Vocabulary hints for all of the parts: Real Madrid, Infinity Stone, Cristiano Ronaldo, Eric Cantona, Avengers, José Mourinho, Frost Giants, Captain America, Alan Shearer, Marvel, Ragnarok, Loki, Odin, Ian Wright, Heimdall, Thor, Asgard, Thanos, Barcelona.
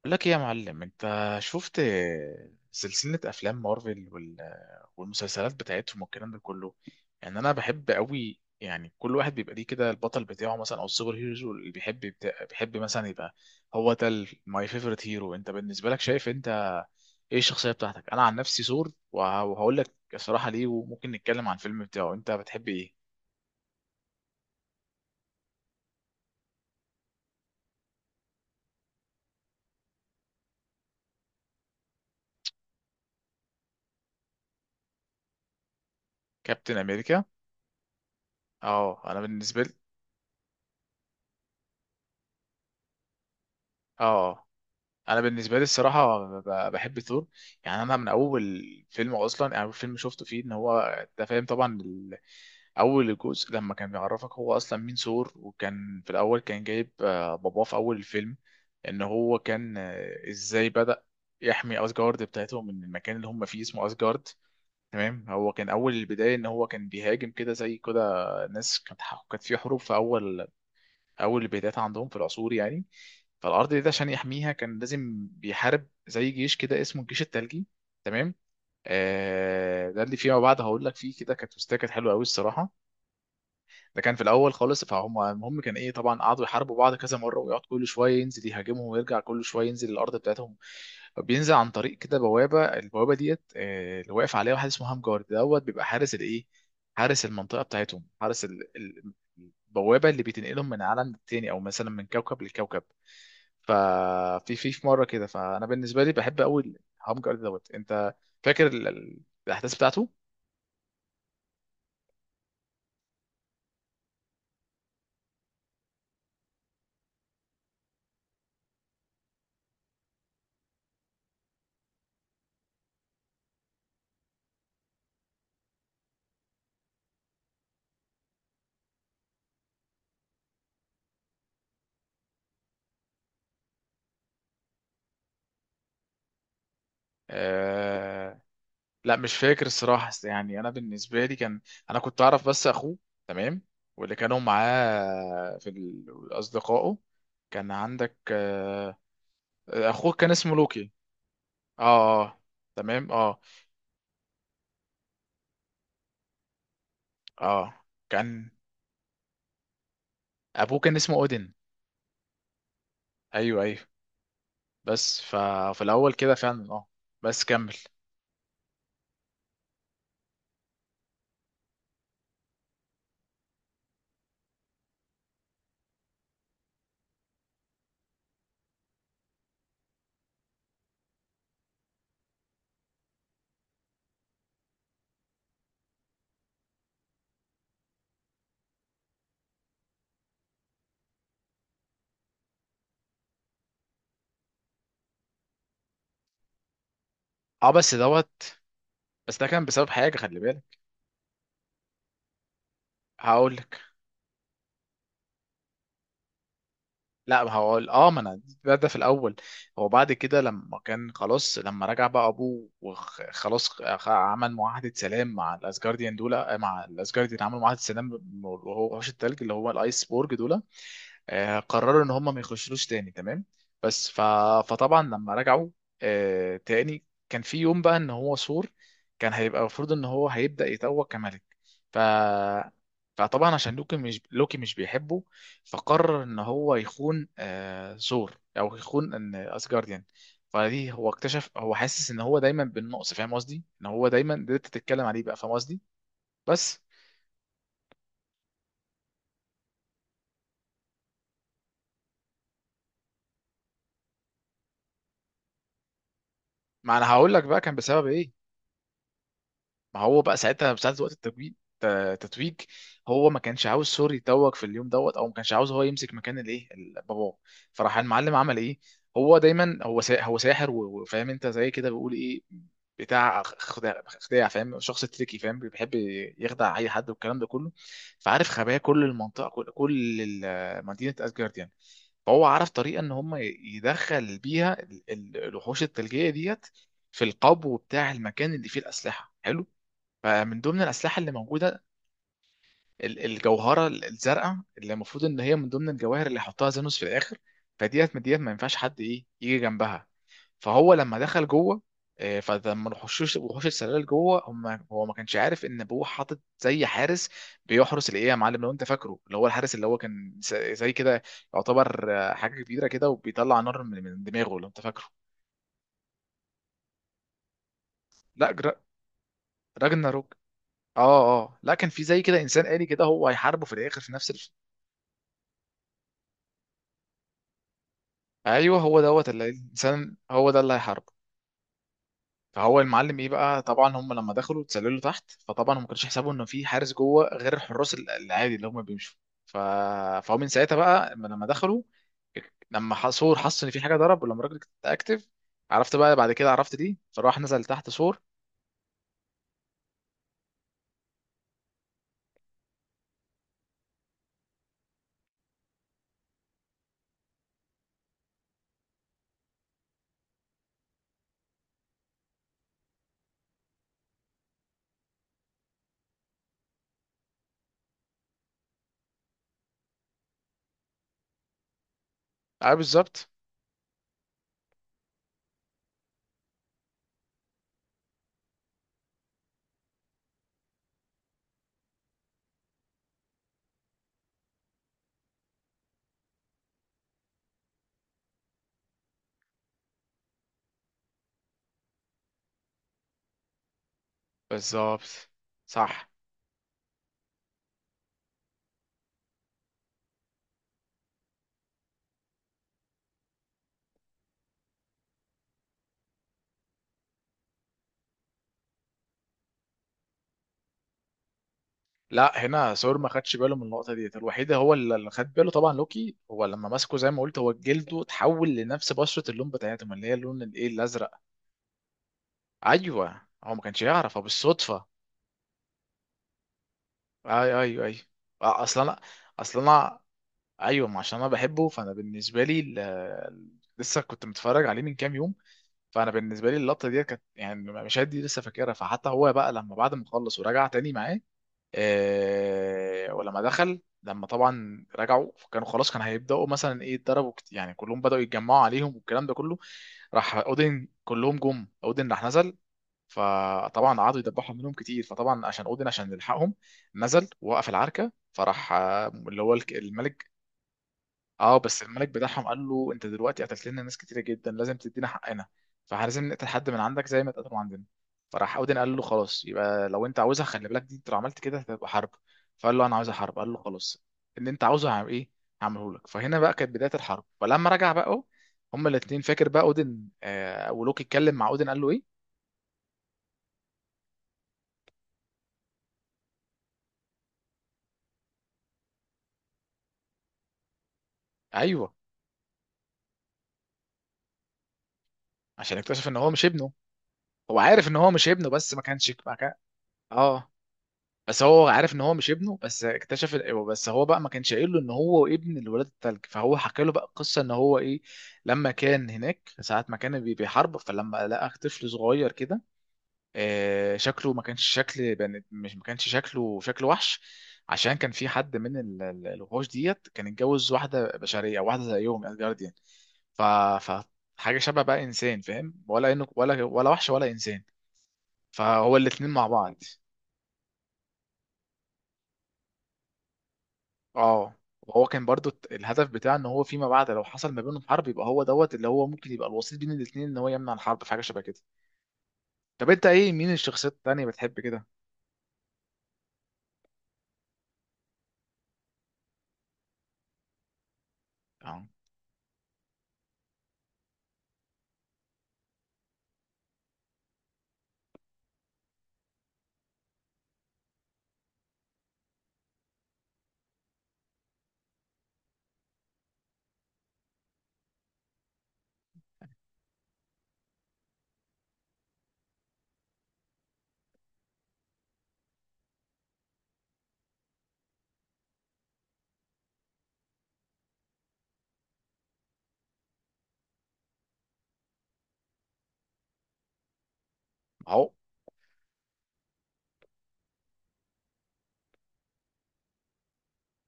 بقول لك ايه يا معلم؟ انت شفت سلسلة افلام مارفل وال- والمسلسلات بتاعتهم والكلام ده كله؟ يعني انا بحب قوي، يعني كل واحد بيبقى ليه كده البطل بتاعه مثلا او السوبر هيرو اللي بيحب بيحب مثلا يبقى هو ده ماي فيفورت هيرو. انت بالنسبة لك شايف انت ايه الشخصية بتاعتك؟ انا عن نفسي ثور، وه- وهقول لك الصراحة ليه، وممكن نتكلم عن الفيلم بتاعه. انت بتحب ايه؟ كابتن امريكا. اه، انا بالنسبة لي، اه، انا بالنسبه لي الصراحه بحب ثور. يعني انا من اول فيلم اصلا، يعني اول فيلم شفته فيه ان هو، انت فاهم طبعا، اول جزء لما كان بيعرفك هو اصلا مين ثور، وكان في الاول كان جايب باباه في اول الفيلم ان هو كان، ازاي بدأ يحمي اسجارد بتاعتهم من المكان اللي هم فيه اسمه اسجارد. تمام. هو كان اول البدايه ان هو كان بيهاجم كده زي كده ناس كانت كانت في حروب في اول البدايات عندهم في العصور يعني. فالارض دي عشان يحميها كان لازم بيحارب زي جيش كده اسمه الجيش الثلجي. تمام. آه، ده اللي فيما بعد هقول لك فيه، كده كانت تستات كانت حلوه قوي الصراحه. ده كان في الاول خالص، فهم. المهم كان ايه، طبعا قعدوا يحاربوا بعض كذا مره، ويقعد كل شويه ينزل يهاجمهم، ويرجع كل شويه ينزل الارض بتاعتهم. فبينزل عن طريق كده بوابه، البوابه ديت اللي واقف عليها واحد اسمه هام جارد دوت، بيبقى حارس الايه، حارس المنطقه بتاعتهم، حارس البوابه اللي بتنقلهم من عالم للتاني، او مثلا من كوكب لكوكب. ففي في في مره كده، فانا بالنسبه لي بحب قوي هام جارد دوت. انت فاكر الاحداث بتاعته؟ آه، لا مش فاكر الصراحة، بس يعني أنا بالنسبة لي كان، أنا كنت أعرف بس أخوه. تمام. واللي كانوا معاه في أصدقائه، كان عندك أخوه كان اسمه لوكي. اه اه، تمام اه. اه كان أبوه كان اسمه أودين. أيوه أيوه. بس ففي الأول كده فعلا، اه، بس كمل. اه بس دوت، بس ده كان بسبب حاجة، خلي بالك. هقول. لا ما هو اه، ما انا ده في الاول هو بعد كده لما كان خلاص، لما رجع بقى ابوه وخلاص عمل معاهده سلام مع الاسجارديان دول، مع الاسجارديان عملوا معاهده سلام، وهو وحوش التلج اللي هو الايس بورج دول، قرروا ان هم ما يخشلوش تاني. تمام. بس ف... فطبعا لما رجعوا تاني، كان في يوم بقى ان هو سور كان هيبقى، المفروض ان هو هيبدأ يتوج كملك. ف، فطبعا عشان لوكي، مش بيحبه، فقرر ان هو يخون سور، او يخون ان اسجارديان. فدي هو اكتشف، هو حاسس ان هو دايما بالنقص، فاهم قصدي؟ ان هو دايما ده انت تتكلم عليه بقى، فاهم قصدي؟ بس. ما انا هقول لك بقى كان بسبب ايه. ما هو بقى ساعتها ساعة وقت التتويج، التتويج هو ما كانش عاوز سوري يتوج في اليوم دوت، او ما كانش عاوز هو يمسك مكان الايه باباه. فراح المعلم عمل ايه، هو دايما هو هو ساحر و- وفاهم انت زي كده، بيقول ايه، بتاع خداع، خداع، فاهم، شخص تريكي، فاهم، بيحب يخدع اي حد والكلام ده كله. فعارف خبايا كل المنطقه، مدينه اسجارد يعني. فهو عرف طريقه ان هم يدخل بيها الوحوش الثلجيه ديت في القبو بتاع المكان اللي فيه الاسلحه. حلو. فمن ضمن الأسلحة اللي موجودة الجوهرة الزرقاء، اللي المفروض إن هي من ضمن الجواهر اللي يحطها زانوس في الآخر. فديت من ديت ما ينفعش حد إيه يجي جنبها. فهو لما دخل جوه، فلما الوحوش، وحوش السلال جوه هم، هو ما كانش عارف ان ابوه حاطط زي حارس بيحرس الايه يا معلم، لو انت فاكره، اللي هو الحارس اللي هو كان زي كده يعتبر حاجه كبيره كده وبيطلع نار من دماغه، لو انت فاكره؟ لا راجناروك. اه اه، لا كان في زي كده انسان آلي كده هو هيحاربه في الاخر في نفس. ايوه هو دوت اللي الانسان، هو ده اللي هيحاربه. فهو المعلم ايه بقى، طبعا هم لما دخلوا اتسللوا تحت، فطبعا هم ما كانش حسابهم ان في حارس جوه غير الحراس العادي اللي هم بيمشوا. ف، فهو من ساعتها بقى لما دخلوا، لما سور حس ان في حاجه ضرب، ولما الراجل اكتف، عرفت بقى بعد كده عرفت دي، فراح نزل تحت سور. اه بالظبط. بالظبط. صح. لا، هنا سور ما خدش باله من النقطه ديت الوحيده، هو اللي اللي خد باله طبعا لوكي، هو لما مسكه زي ما قلت، هو جلده اتحول لنفس بشره اللون بتاعتهم اللي هي اللون الايه الازرق. ايوه هو ما كانش يعرف، هو بالصدفه. اي ايوه ايوه. آه، اصل انا اصل انا ايوه، ما عشان انا بحبه، فانا بالنسبه لي لسه كنت متفرج عليه من كام يوم. فانا بالنسبه لي اللقطه دي كانت يعني، مشاهد دي لسه فاكرها. فحتى هو بقى لما بعد ما خلص ورجع تاني معاه، ولما دخل، لما طبعا رجعوا، فكانوا خلاص كان هيبداوا مثلا ايه يتضربوا يعني كلهم بداوا يتجمعوا عليهم والكلام ده كله. راح اودن، كلهم جم، اودن راح نزل، فطبعا قعدوا يدبحوا منهم كتير، فطبعا عشان اودن عشان يلحقهم نزل ووقف العركه، فراح اللي هو الملك. اه بس الملك بتاعهم قال له: انت دلوقتي قتلت لنا ناس كتيره جدا، لازم تدينا حقنا، فلازم نقتل حد من عندك زي ما اتقتلوا عندنا. فراح اودن قال له: خلاص، يبقى لو انت عاوزها، خلي بالك دي، انت لو عملت كده هتبقى حرب. فقال له: انا عاوز حرب. قال له: خلاص، اللي انت عاوزه هعمل ايه، هعمله لك. فهنا بقى كانت بدايه الحرب. فلما رجع بقى هما الاثنين، فاكر بقى اودن آه، ولوكي اتكلم مع اودن قال له ايه؟ ايوه، عشان اكتشف ان هو مش ابنه. هو عارف ان هو مش ابنه، بس ما كانش، ما كان اه بس هو عارف ان هو مش ابنه، بس اكتشف بس هو بقى ما كانش قايل له ان هو ابن الولاد التلج. فهو حكى له بقى قصه ان هو ايه، لما كان هناك ساعه ما كان بيحارب، فلما لقى طفل صغير كده شكله ما كانش شكل مش ما كانش شكله شكل وحش، عشان كان في حد من الوحوش ديت كان اتجوز واحده بشريه، واحده زيهم الجارديان. ف ف حاجه شبه بقى انسان، فاهم، ولا انه ولا ولا وحش ولا انسان، فهو الاتنين مع بعض. اه. وهو كان برضو الهدف بتاعه ان هو فيما بعد لو حصل ما بينهم حرب يبقى هو دوت اللي هو ممكن يبقى الوسيط بين الاثنين، ان هو يمنع الحرب، في حاجه شبه كده. طب انت ايه، مين الشخصيات التانيه بتحب كده؟ اه اهو.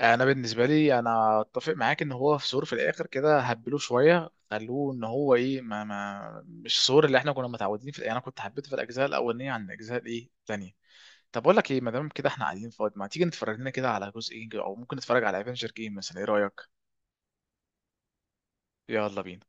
انا بالنسبه لي انا اتفق معاك ان هو في ثور في الاخر كده هبلوه شويه، خلوه ان هو ايه، ما ما مش ثور اللي احنا كنا متعودين، في يعني انا كنت حبيته في الاجزاء الاولانيه عن الاجزاء الايه التانيه. طب اقول لك ايه، ما دام كده احنا قاعدين فاضي ما تيجي نتفرج لنا كده على جزء ايه، او ممكن نتفرج على افنجر جيم مثلا، ايه رايك؟ يلا بينا.